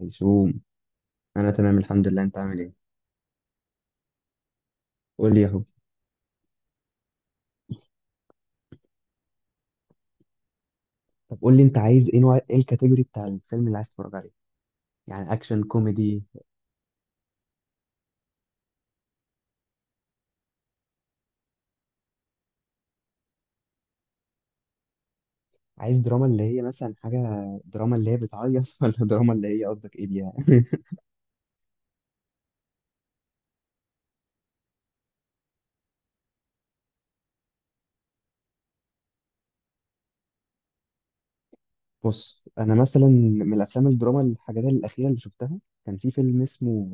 هيسوم، انا تمام الحمد لله، انت عامل ايه؟ قول لي يا حبي. طب قول لي انت عايز ايه، نوع ايه الكاتيجوري بتاع الفيلم اللي عايز تتفرج عليه؟ يعني اكشن كوميدي؟ عايز دراما اللي هي مثلا حاجه، دراما اللي هي بتعيط ولا دراما اللي هي قصدك ايه بيها؟ بص انا مثلا من الافلام الدراما الحاجات الاخيره اللي شفتها، كان في فيلم اسمه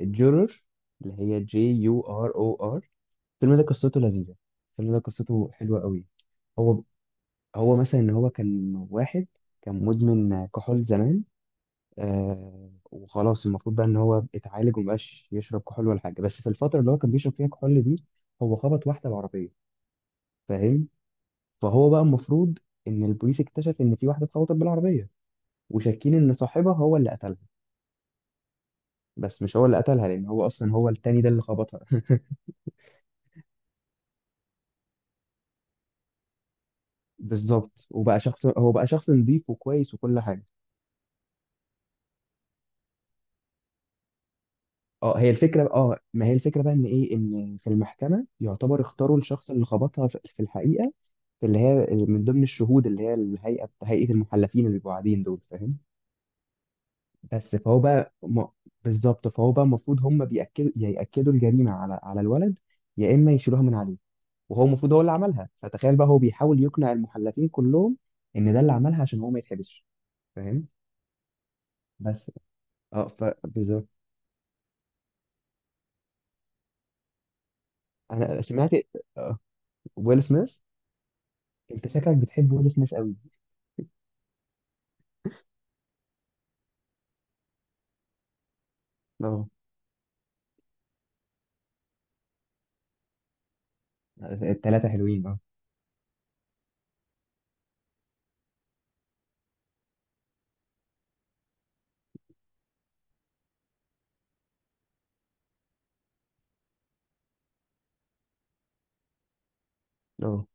جورر، اللي هي جي يو ار او ار. الفيلم ده قصته لذيذه، الفيلم ده قصته حلوه قوي. هو هو مثلا ان هو كان واحد، كان مدمن كحول زمان. آه، وخلاص المفروض بقى ان هو اتعالج ومبقاش يشرب كحول ولا حاجه، بس في الفتره اللي هو كان بيشرب فيها كحول دي، هو خبط واحده بالعربيه. فاهم؟ فهو بقى المفروض ان البوليس اكتشف ان في واحده اتخبطت بالعربيه، وشاكين ان صاحبها هو اللي قتلها، بس مش هو اللي قتلها لان هو اصلا هو التاني ده اللي خبطها. بالظبط، وبقى شخص، هو بقى شخص نظيف وكويس وكل حاجه. اه هي الفكره، اه ما هي الفكره بقى ان ايه، ان في المحكمه يعتبر اختاروا الشخص اللي خبطها في الحقيقه، اللي هي من ضمن الشهود، اللي هي الهيئه، هيئه المحلفين اللي بيبقوا قاعدين دول. فاهم؟ بس فهو بقى م... بالظبط، فهو بقى المفروض هم بيأكدوا، يأكدوا الجريمه على الولد، يا اما يشيلوها من عليه، وهو المفروض هو اللي عملها. فتخيل بقى هو بيحاول يقنع المحلفين كلهم ان ده اللي عملها عشان هو ما يتحبسش. فاهم؟ بس اه، فبالظبط. انا سمعت آه. ويل سميث. انت شكلك بتحب ويل سميث قوي. اه، الثلاثه حلوين اه. اه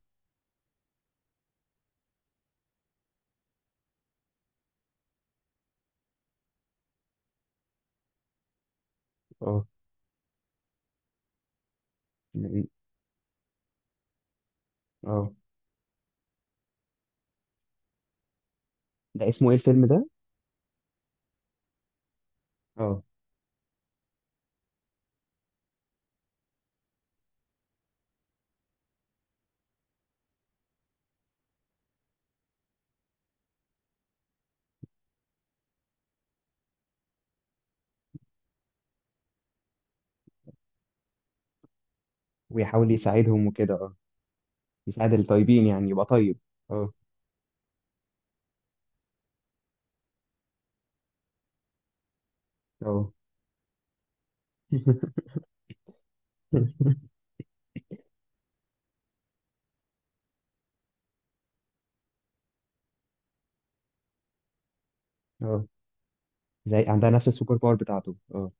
اه اه ده اسمه ايه الفيلم ده؟ اه، ويحاول يساعدهم وكده اه. يساعد الطيبين يعني يبقى طيب. اه اه اه. زي، عندها نفس السوبر باور بتاعته اه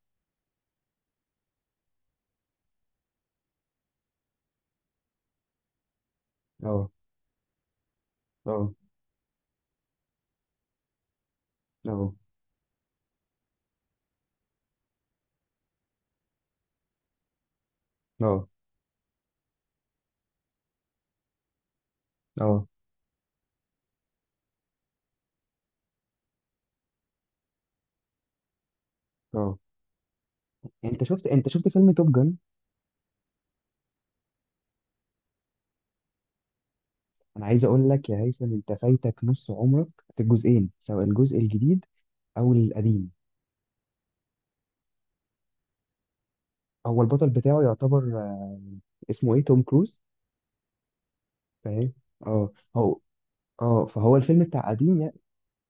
اه اه اه اه اه اه. انت شفت، انت شفت فيلم توب جن؟ انا عايز اقول لك يا هيثم، انت فايتك نص عمرك. في الجزئين، سواء الجزء الجديد او القديم. هو البطل بتاعه يعتبر آه، اسمه ايه، توم كروز. فاهم؟ اه هو. اه، فهو الفيلم بتاع قديم يعني.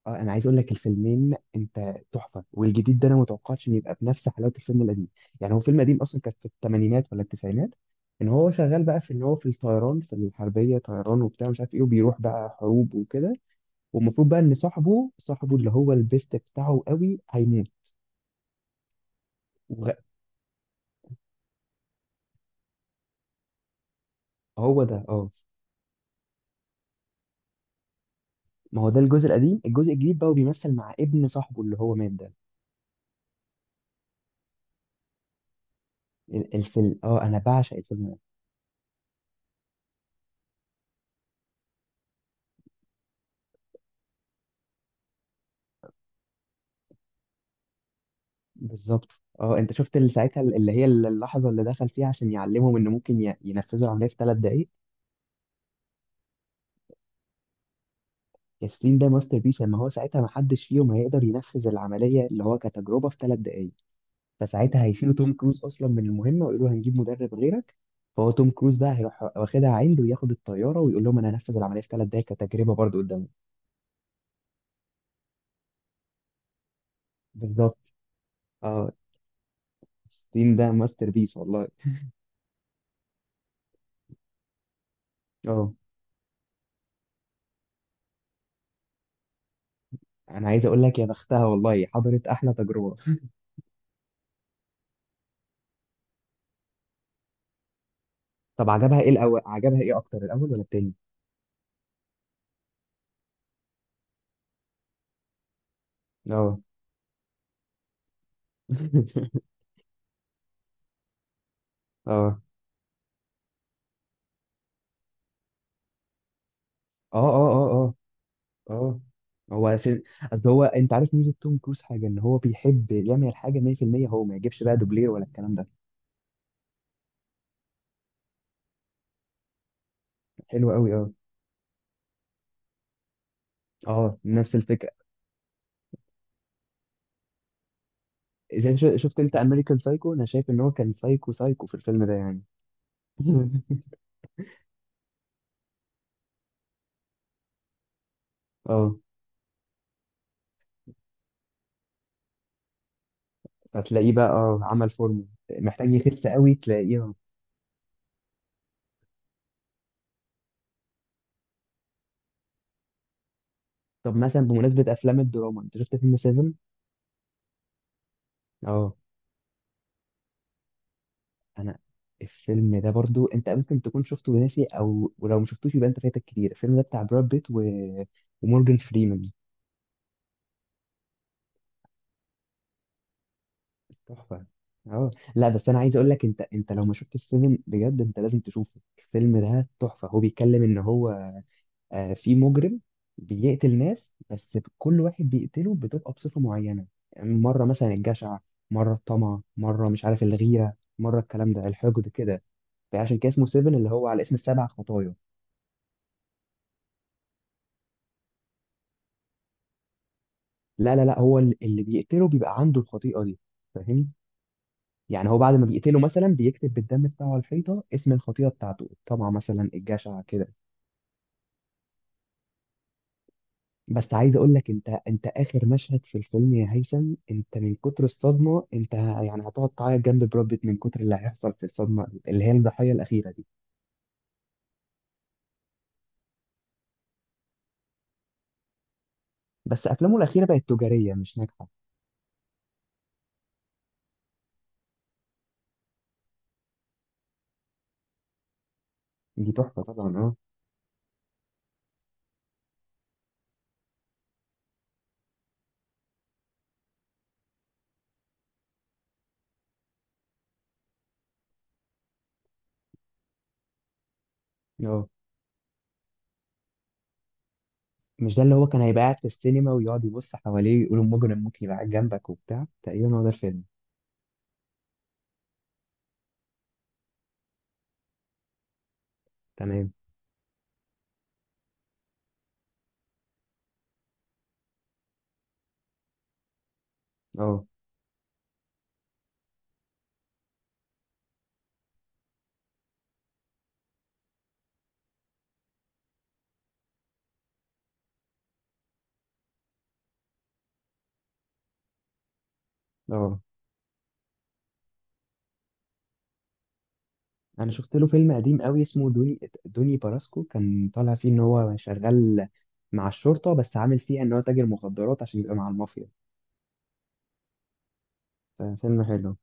اه، انا عايز اقول لك، الفيلمين انت تحفه، والجديد ده انا ما توقعتش ان يبقى بنفس حلاوه الفيلم القديم. يعني هو فيلم قديم اصلا، كان في الثمانينات ولا التسعينات. ان هو شغال بقى في، ان هو في الطيران، في الحربيه طيران وبتاع مش عارف ايه، وبيروح بقى حروب وكده. والمفروض بقى ان صاحبه، صاحبه اللي هو البيست بتاعه قوي، هيموت. وغ- هو ده اه. ما هو ده الجزء القديم، الجزء الجديد بقى وبيمثل مع ابن صاحبه اللي هو مات ده. ال- الفيلم اه، انا بعشق الفيلم. بالظبط اه. انت شفت اللي ساعتها، اللي هي اللحظه اللي دخل فيها عشان يعلمهم ان ممكن ي- ينفذوا العمليه في ثلاث دقائق؟ ياسين ده ماستر بيس. اما هو ساعتها ما حدش فيهم هيقدر ينفذ العمليه اللي هو كتجربه في ثلاث دقائق، فساعتها هيشيلوا توم كروز اصلا من المهمه ويقولوا هنجيب مدرب غيرك. فهو توم كروز بقى هيروح واخدها عند وياخد الطياره ويقول لهم انا هنفذ العمليه في ثلاث دقائق كتجربه برضو قدامهم. بالظبط اه. ياسين ده ماستر بيس والله. اه، انا عايز اقول لك يا بختها والله، حضرت احلى تجربه. طب عجبها ايه الاول، عجبها ايه اكتر، الاول ولا التاني؟ اه اه اه اه اه اه اه. هو عشان، اصل هو، انت عارف ميزه توم كروز حاجه، ان هو بيحب يعمل الحاجه 100%، هو ما يجيبش بقى دوبلير ولا الكلام ده. حلو قوي اه. اه، نفس الفكره. زي شو- شفت انت امريكان سايكو، انا شايف ان هو كان سايكو سايكو في الفيلم ده يعني. اه. فتلاقيه بقى اه عمل فورمه، محتاج يخس قوي تلاقيه آه. طب مثلا بمناسبه افلام الدراما، انت شفت فيلم 7؟ اه انا، الفيلم ده برضو انت ممكن تكون شفته وناسي، او ولو ما شفتوش يبقى انت فايتك كتير. الفيلم ده بتاع براد بيت و... ومورجان فريمان. تحفه اه. لا بس انا عايز اقول لك، انت لو ما شفتش سيفن بجد انت لازم تشوفه، الفيلم ده تحفه. هو بيتكلم ان هو آه في مجرم بيقتل ناس، بس كل واحد بيقتله بتبقى بصفه معينه. مره مثلا الجشع، مره الطمع، مره مش عارف الغيره، مره الكلام ده الحقد كده. فعشان كده اسمه سيفن، اللي هو على اسم السبع خطايا. لا هو ال- اللي بيقتله بيبقى عنده الخطيئة دي. فاهم؟ يعني هو بعد ما بيقتله مثلا بيكتب بالدم بتاعه على الحيطة اسم الخطيئة بتاعته، الطمع مثلا، الجشع كده. بس عايز اقول لك، انت اخر مشهد في الفيلم يا هيثم، انت من كتر الصدمة انت ه- يعني هتقعد تعيط جنب براد بيت من كتر اللي هيحصل في الصدمة اللي هي الضحية الأخيرة دي. بس افلامه الأخيرة بقت تجارية مش ناجحة. دي تحفة طبعا اه. اه، مش ده اللي هو كان هيبقى قاعد في السينما ويقعد يبص حواليه ويقول المجرم ممكن يبقى قاعد جنبك وبتاع، تقريبا هو ده الفيلم؟ تمام اه اه. انا شفت له فيلم قديم قوي اسمه دوني، دوني باراسكو، كان طالع فيه ان هو شغال مع الشرطه بس عامل فيها ان هو تاجر مخدرات عشان يبقى مع المافيا. ففيلم حلو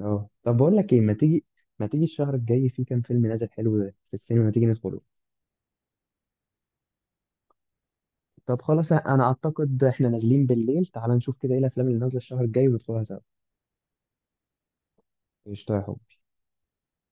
اه. طب بقول لك ايه، ما تيجي، ما تيجي الشهر الجاي في كام فيلم نازل حلو في السينما، ما تيجي ندخله؟ طب خلاص، انا اعتقد احنا نازلين بالليل، تعال نشوف كده ايه الافلام اللي نازله الشهر الجاي وندخلها سوا. قشطة يا حب.